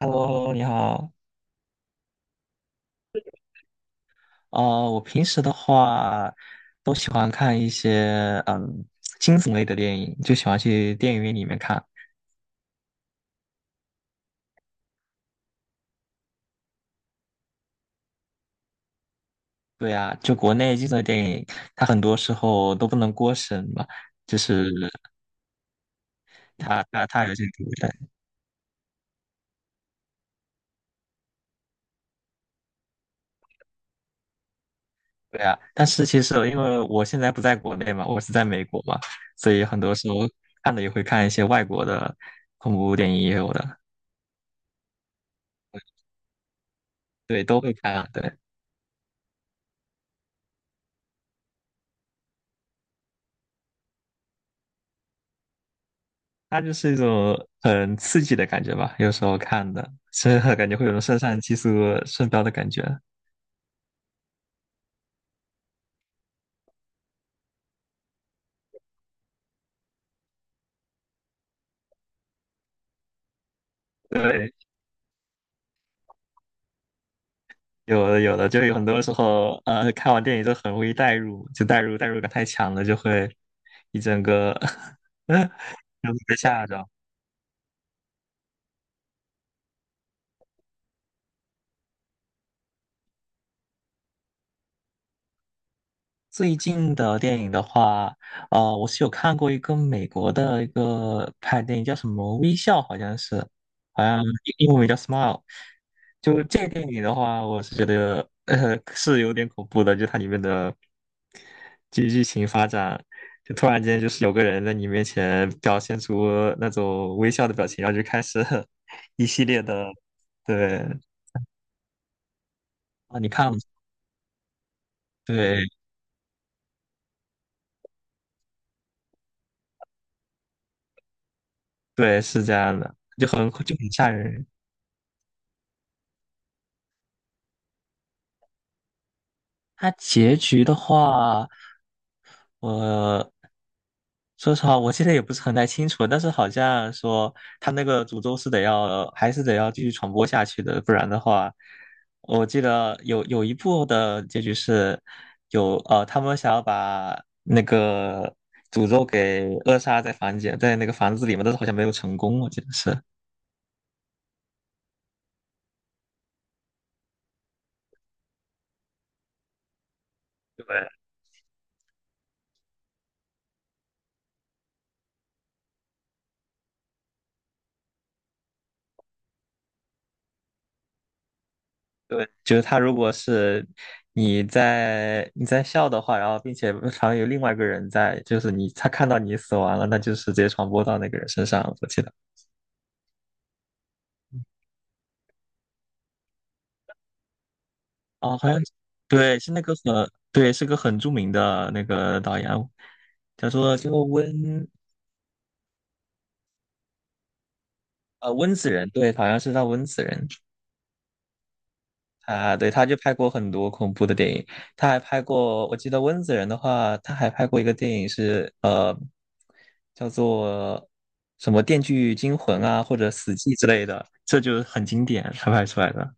Hello，你好。呃，我平时的话都喜欢看一些惊悚类的电影，就喜欢去电影院里面看。对啊，就国内惊悚的电影，它很多时候都不能过审嘛，就是它有些独占。对啊，但是其实因为我现在不在国内嘛，我是在美国嘛，所以很多时候看的也会看一些外国的恐怖电影也有的，对，都会看啊，对。它就是一种很刺激的感觉吧，有时候看的，是感觉会有种肾上激素升高的感觉。对，有的有的，就有很多时候，看完电影就很容易代入，就代入感太强了，就会一整个 就会被 吓着。最近的电影的话，我是有看过一个美国的一个拍电影，叫什么《微笑》，好像是，好像英文名叫《Smile》。就这个电影的话，我是觉得是有点恐怖的，就它里面的剧情发展，就突然间就是有个人在你面前表现出那种微笑的表情，然后就开始 一系列的，对啊，你看了吗对对，是这样的，就很吓人。它结局的话，我说实话，我记得也不是很太清楚，但是好像说他那个诅咒是得要，还是得要继续传播下去的，不然的话，我记得有一部的结局是有他们想要把那个诅咒给扼杀在房间，在那个房子里面，但是好像没有成功，我记得是。对对，就是他如果是你在笑的话，然后并且旁边有另外一个人在，就是你他看到你死亡了，那就是直接传播到那个人身上了我记得哦，好像对，是那个很对，是个很著名的那个导演，叫做温温子仁，对，好像是叫温子仁。啊，对，他就拍过很多恐怖的电影，他还拍过，我记得温子仁的话，他还拍过一个电影是叫做什么《电锯惊魂》啊，或者《死寂》之类的，这就是很经典，他拍出来的。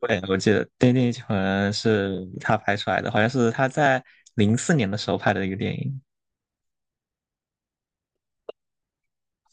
对，我记得《电锯惊魂》是他拍出来的，好像是他在04年的时候拍的一个电影。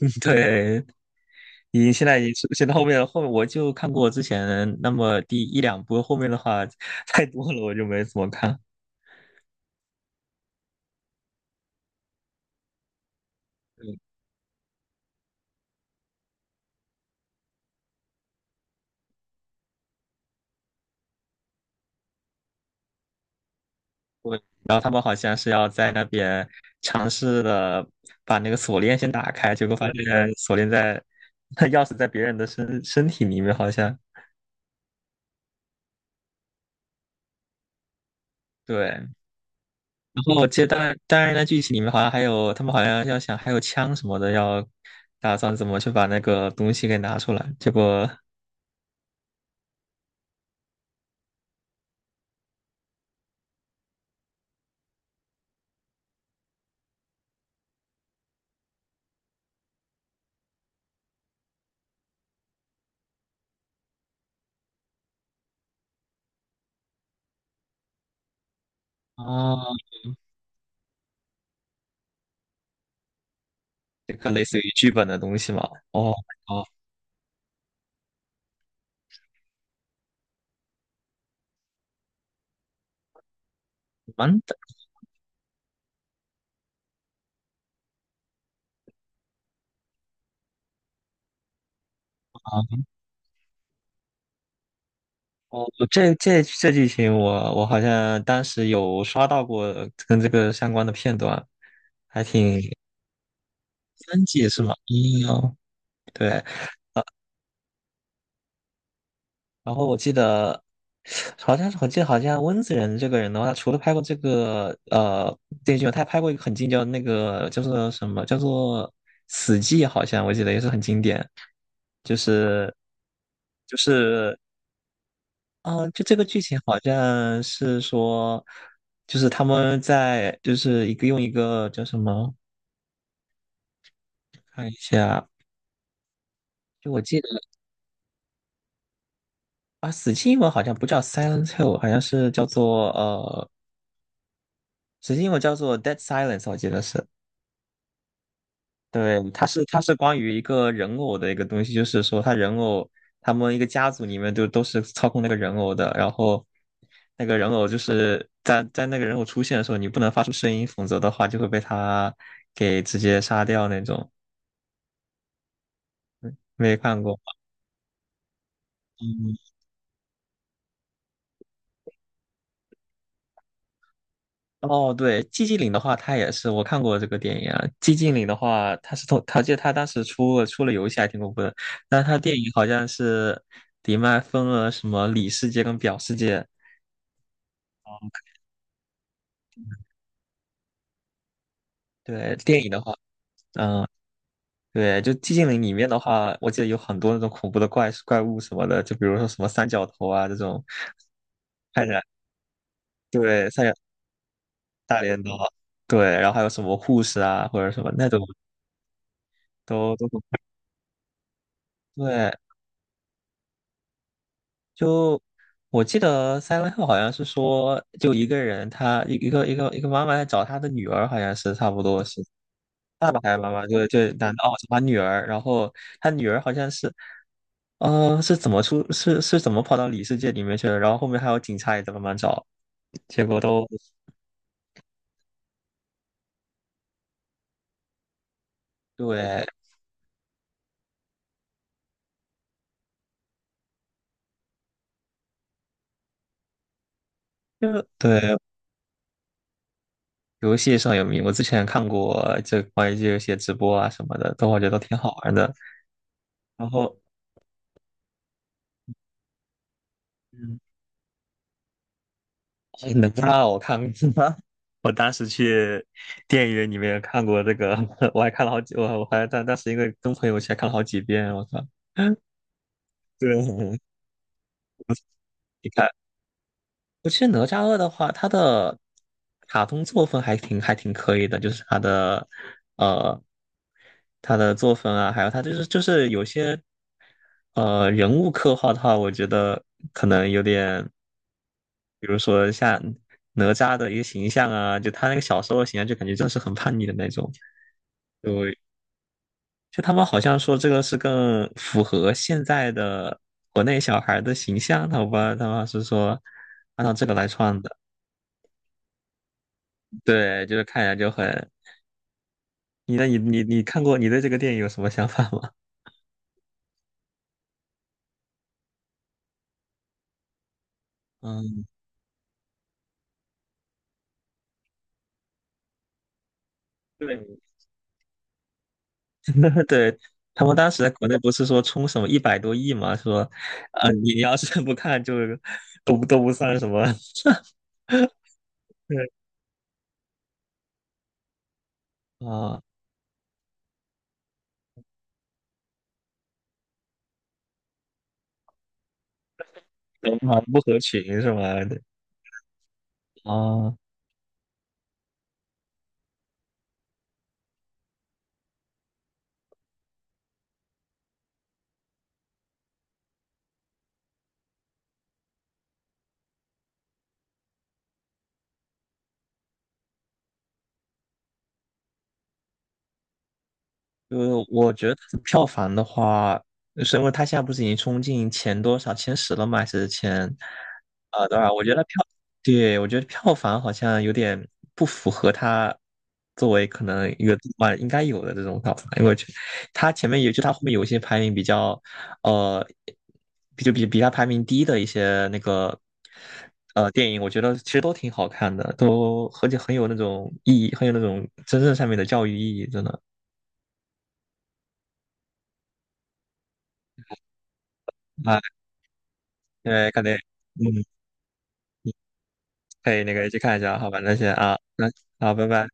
对，现在已经出现在后面了后面我就看过之前那么第一两部，后面的话 太多了，我就没怎么看。嗯对，然后他们好像是要在那边尝试的把那个锁链先打开，结果发现锁链在 钥匙在别人的身体里面，好像对。然后接记得当然，那剧情里面好像还有他们好像要想还有枪什么的，要打算怎么去把那个东西给拿出来。结果哦，这个类似于剧本的东西嘛，哦哦，蛮的哦，这这这剧情我我好像当时有刷到过跟这个相关的片段，还挺3季是吗？嗯哦，对。然后我记得好像是我记得好像温子仁这个人的话，他除了拍过这个电视剧，他还拍过一个很经典的那个叫做什么叫做《死寂》，好像我记得也是很经典，就是。就是。嗯，就这个剧情好像是说，就是他们在就是一个用一个叫什么，看一下，就我记得啊，死记英文好像不叫 Silent Hill，好像是叫做死记英文叫做 Dead Silence，我记得是。对，它是它是关于一个人偶的一个东西，就是说他人偶他们一个家族里面就都是操控那个人偶的，然后那个人偶就是在在那个人偶出现的时候，你不能发出声音，否则的话就会被他给直接杀掉那种。没看过，嗯，哦，对，寂静岭的话，它也是我看过这个电影啊。寂静岭的话，它是从，它记得它当时出了游戏还挺恐怖的，但它电影好像是迪面还分了什么里世界跟表世界。对，电影的话。嗯，对，就寂静岭里面的话，我记得有很多那种恐怖的怪物什么的，就比如说什么三角头啊这种，看起来对三角大镰刀，对，然后还有什么护士啊或者什么那种都都很对。就我记得 s i l 好像是说，就一个人他一个妈妈在找他的女儿，好像是差不多是爸爸还是妈妈，就就男的哦找他女儿，然后他女儿好像是是怎么出是怎么跑到里世界里面去了，然后后面还有警察也在慢慢找。结果都对，就对游戏上有名。我之前看过这关于这些直播啊什么的，都我觉得都挺好玩的。然后，嗯，哪吒我看过，我当时去电影院里面看过这个，我还看了好几，我我还但当时因为跟朋友一起还看了好几遍。我靠，对，你看。我记得哪吒二的话，他的卡通作风还挺可以的，就是呃他的作风啊，还有他就是有些人物刻画的话，我觉得可能有点，比如说像哪吒的一个形象啊，就他那个小时候的形象，就感觉就是很叛逆的那种，就就他们好像说这个是更符合现在的国内小孩的形象，他我不知道他们是说按照这个来创的。对，就是看起来就很，你看过你对这个电影有什么想法吗？嗯，对，对，他们当时在国内不是说冲什么100多亿嘛，说，你要是不看就都不算什么，对啊，都不合群是吗？对啊。呃，我觉得票房的话，是因为它现在不是已经冲进前多少前10了吗？还是前多少？我觉得票，对，我觉得票房好像有点不符合它作为可能一个动漫应该有的这种票房，因为我觉得它前面也就它后面有一些排名比较呃，比就比比它排名低的一些那个电影，我觉得其实都挺好看的，而且很有那种意义，很有那种真正上面的教育意义，真的。啊对，可能可以那个去看一下，好吧，那先啊，那好，拜拜。